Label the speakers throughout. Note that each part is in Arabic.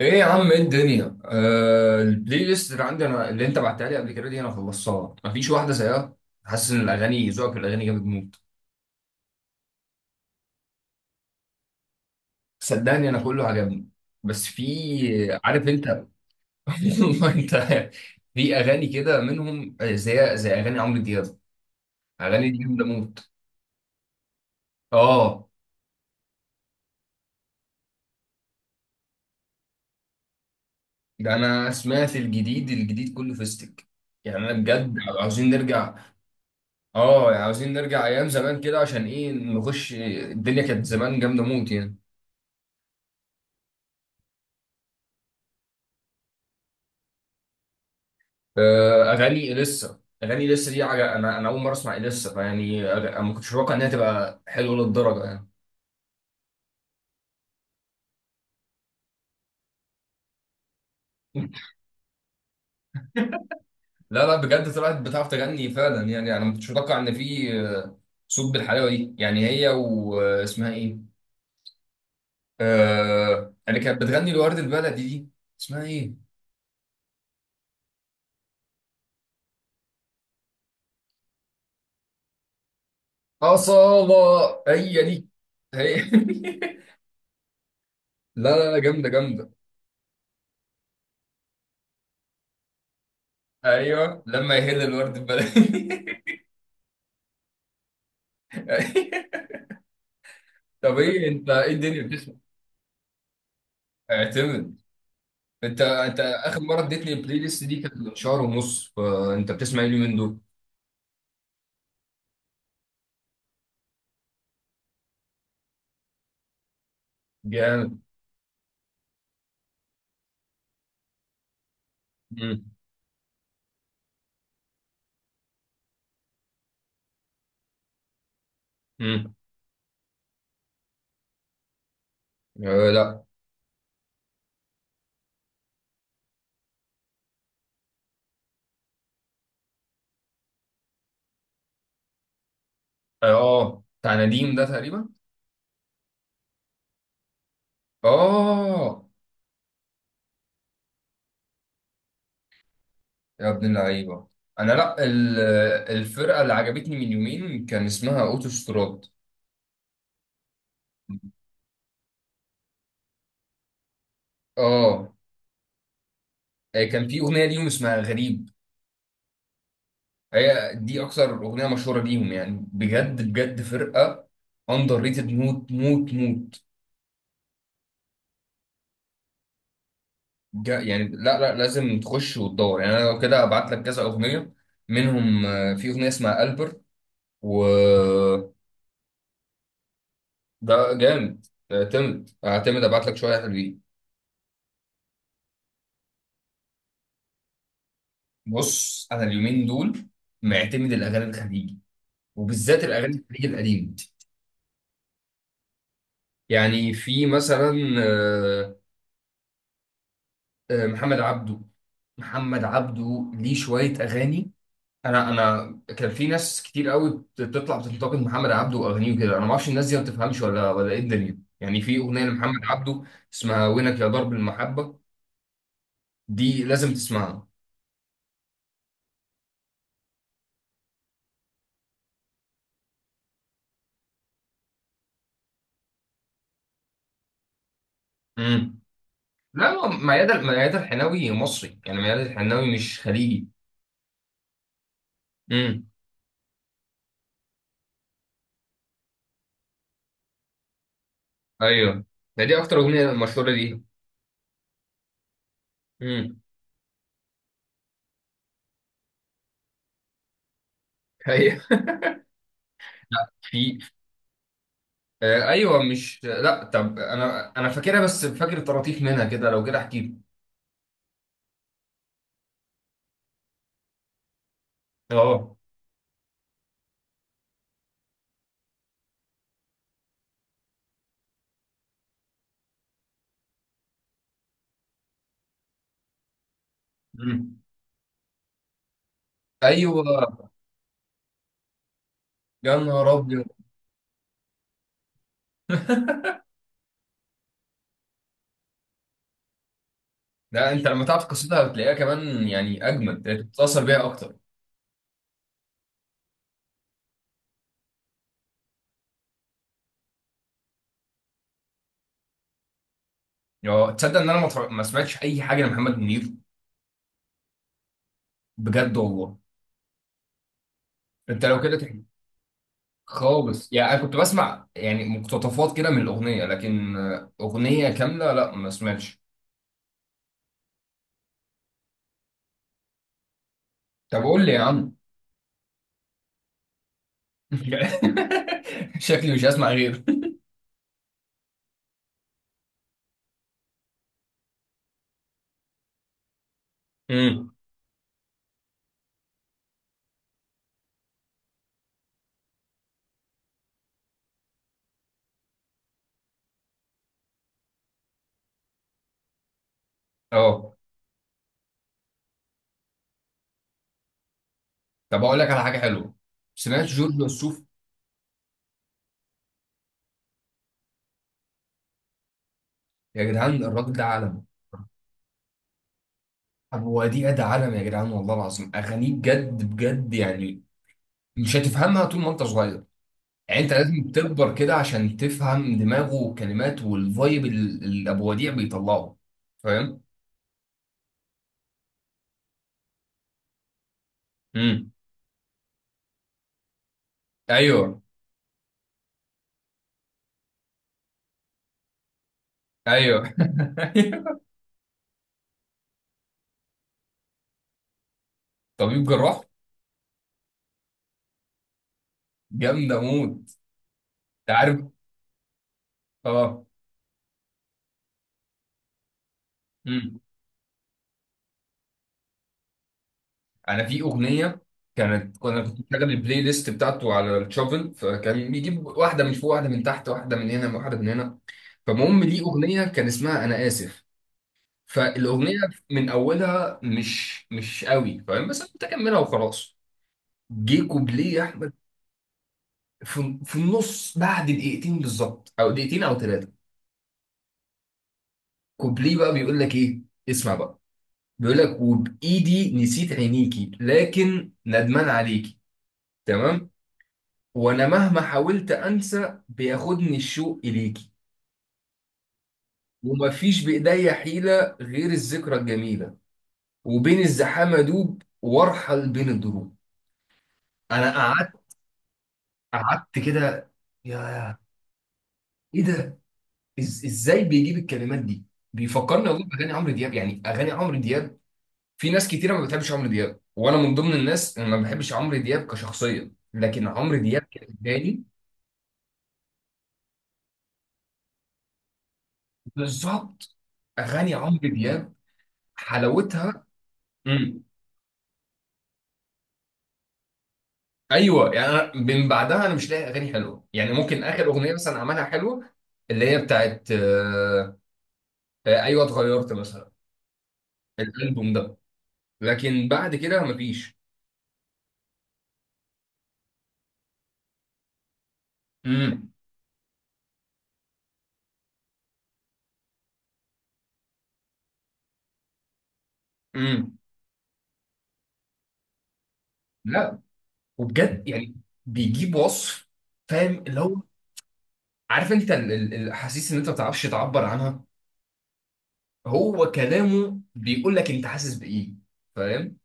Speaker 1: ايه يا عم، ايه الدنيا. البلاي ليست اللي عندي انا، اللي انت بعتها لي قبل كده دي، انا خلصتها. مفيش واحده زيها. حاسس ان الاغاني ذوقك في الاغاني جامد موت. صدقني انا كله عجبني، بس في، عارف انت والله انت. في اغاني كده منهم، زي اغاني عمرو دياب. اغاني دي جامده موت. اه. ده انا سمعت الجديد، الجديد كله فيستك، يعني انا بجد عاوزين نرجع. اه، يعني عاوزين نرجع ايام زمان كده، عشان ايه، نخش، الدنيا كانت زمان جامده موت يعني. اغاني اليسا دي انا اول مره اسمع اليسا، فيعني انا ما كنتش متوقع انها تبقى حلوه للدرجه يعني. لا لا، بجد طلعت بتعرف تغني فعلا يعني. انا ما كنتش متوقع ان في، صوت بالحلاوه دي يعني. هي واسمها ايه؟ اللي كانت بتغني الورد البلدي دي، اسمها ايه؟ اصاله. هي دي. هي لا لا لا، جامده جامده. ايوه، لما يهل الورد البلدي طب ايه انت، ايه الدنيا بتسمع؟ اعتمد. انت اخر مره اديتني البلاي ليست دي كانت من شهر ونص، فانت بتسمع ايه اليومين دول؟ جامد. امم. امم. آه. لا. اه، بتاع نديم ده تقريبا. اه. يا ابن اللعيبه. انا، لا، الفرقه اللي عجبتني من يومين كان اسمها اوتوستراد. اه. كان في اغنيه ليهم اسمها غريب. هي دي اكثر اغنيه مشهوره ليهم، يعني بجد بجد، فرقه اندر ريتد موت موت موت. جا يعني، لا لا، لازم تخش وتدور يعني. انا لو كده ابعت لك كذا اغنيه منهم، في اغنيه اسمها البر، و... ده جامد. اعتمد اعتمد، ابعت لك شويه حلوين. بص انا اليومين دول معتمد الاغاني الخليجي، وبالذات الاغاني الخليجي القديمه. يعني في مثلا، آه، محمد عبده. محمد عبده ليه شويه اغاني. انا كان في ناس كتير قوي بتطلع بتنتقد محمد عبده واغانيه وكده. انا ما اعرفش الناس دي ما بتفهمش ولا ايه الدنيا يعني. في اغنيه لمحمد عبده اسمها وينك يا ضرب المحبه، دي لازم تسمعها. امم. لا، هو ميادة، الحناوي مصري. يعني ميادة الحناوي مش خليجي. امم. ايوه، دي اكتر اغنيه مشهوره دي. امم. ايوه. لا، في، آه، ايوه، مش، لا، طب انا، فاكرها بس فاكر طراطيف منها كده، لو كده احكي. اه. امم. ايوه. يا نهار ابيض لا، انت لما تعرف قصتها هتلاقيها كمان يعني اجمد، تتاثر بيها اكتر. يا تصدق ان انا ما سمعتش اي حاجه لمحمد منير. بجد والله. انت لو كده تحكي. خالص، يعني انا كنت بسمع يعني مقتطفات كده من الاغنيه، لكن اغنيه كامله لا، ما سمعتش. طب قول لي يا عم. شكلي مش هسمع غيره. امم. اه. طب اقول لك على حاجه حلوه. سمعت جورج وسوف؟ يا جدعان الراجل ده عالم. هو دي أدى عالم يا جدعان، والله العظيم أغانيه بجد بجد يعني. مش هتفهمها طول ما أنت صغير. يعني أنت لازم تكبر كده عشان تفهم دماغه والكلمات والفايب اللي أبو وديع بيطلعه. فاهم؟ امم. أيوه. أيوه طبيب جراح. جامدة موت. أنت عارف. أه. امم. أنا في أغنية، كانت كنا كنت بشغل البلاي ليست بتاعته على الشوفل، فكان بيجيب واحدة من فوق، واحدة من تحت، واحدة من هنا، واحدة من هنا. فالمهم، دي أغنية كان اسمها أنا آسف. فالاغنيه من اولها مش قوي فاهم، بس انا كنت اكملها وخلاص. جه كوبليه يا احمد. في النص، بعد دقيقتين بالظبط، او دقيقتين او ثلاثه. كوبليه بقى بيقول لك ايه؟ اسمع بقى. بيقول لك: وبايدي نسيت عينيكي لكن ندمان عليكي. تمام. وانا مهما حاولت انسى بياخدني الشوق اليكي. ومفيش بايديا حيله غير الذكرى الجميله. وبين الزحام ادوب وارحل بين الدروب. انا قعدت. قعدت كده. يا... ايه ده. ازاي بيجيب الكلمات دي. بيفكرني والله باغاني عمرو دياب. يعني اغاني عمرو دياب، في ناس كتيره ما بتحبش عمرو دياب، وانا من ضمن الناس اللي ما بحبش عمرو دياب كشخصيه، لكن عمرو دياب كأغاني. بالظبط. اغاني عمرو دياب حلاوتها. امم. ايوه، يعني أنا من بعدها انا مش لاقي اغاني حلوه يعني. ممكن اخر اغنيه مثلا عملها حلوه، اللي هي بتاعت ايوه اتغيرت مثلا، الالبوم ده. لكن بعد كده مفيش. امم. امم. لا وبجد يعني، بيجيب وصف. فاهم اللي هو. عارف انت الاحاسيس اللي انت ما تعرفش تعبر عنها. هو كلامه بيقول لك انت حاسس بايه. فاهم.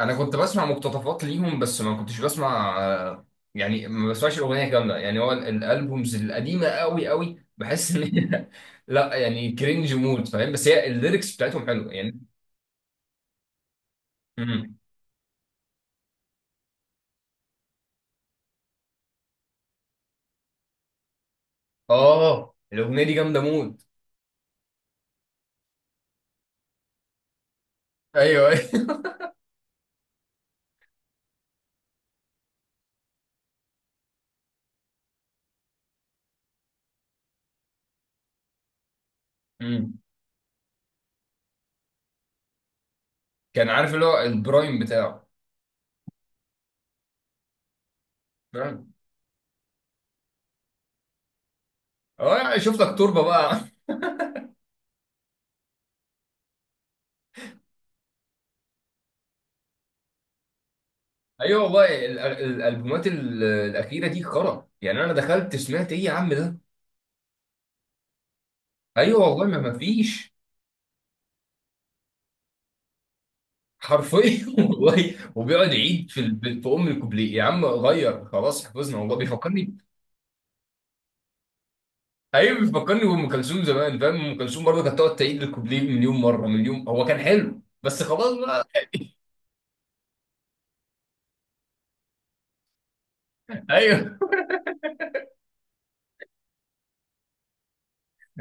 Speaker 1: انا كنت بسمع مقتطفات ليهم بس ما كنتش بسمع، يعني ما بسمعش الاغنيه كامله يعني. هو الالبومز القديمه قوي قوي بحس ان هي لا، يعني كرنج مود فاهم، بس هي الليركس بتاعتهم حلوه يعني. مم. اه الاغنيه دي جامده مود. ايوه مم. كان عارف اللي هو البرايم بتاعه. اه، يعني شفتك تربه بقى ايوه والله الالبومات الاخيره دي خرا يعني. انا دخلت سمعت ايه يا عم ده. ايوه والله، ما فيش. حرفيا والله، وبيقعد يعيد في في ام الكوبليه يا عم، غير خلاص حفظنا والله. بيفكرني. ايوه، بيفكرني بام كلثوم زمان. فاهم، ام كلثوم برضه كانت تقعد تعيد الكوبليه مليون مره مليون. هو كان حلو، بس خلاص بقى. ايوه.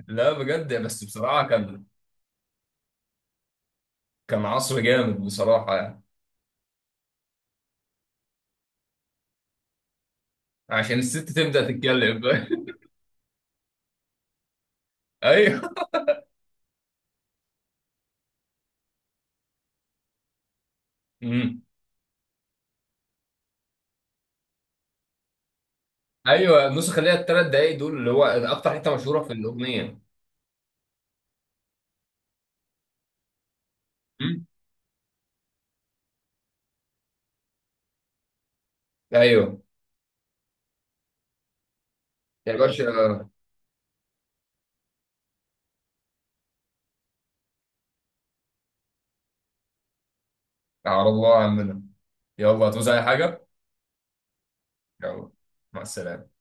Speaker 1: لا بجد، بس بصراحه كان، كان عصر جامد بصراحه يعني. عشان الست تبدا تتكلم ايوه. مم. ايوه، النسخ اللي هي الثلاث دقايق دول اللي هو اكتر حته مشهوره في الاغنيه. مم. ايوه يا باشا. على الله عننا. يلا، هتوزع اي حاجه. يلا مع السلامه.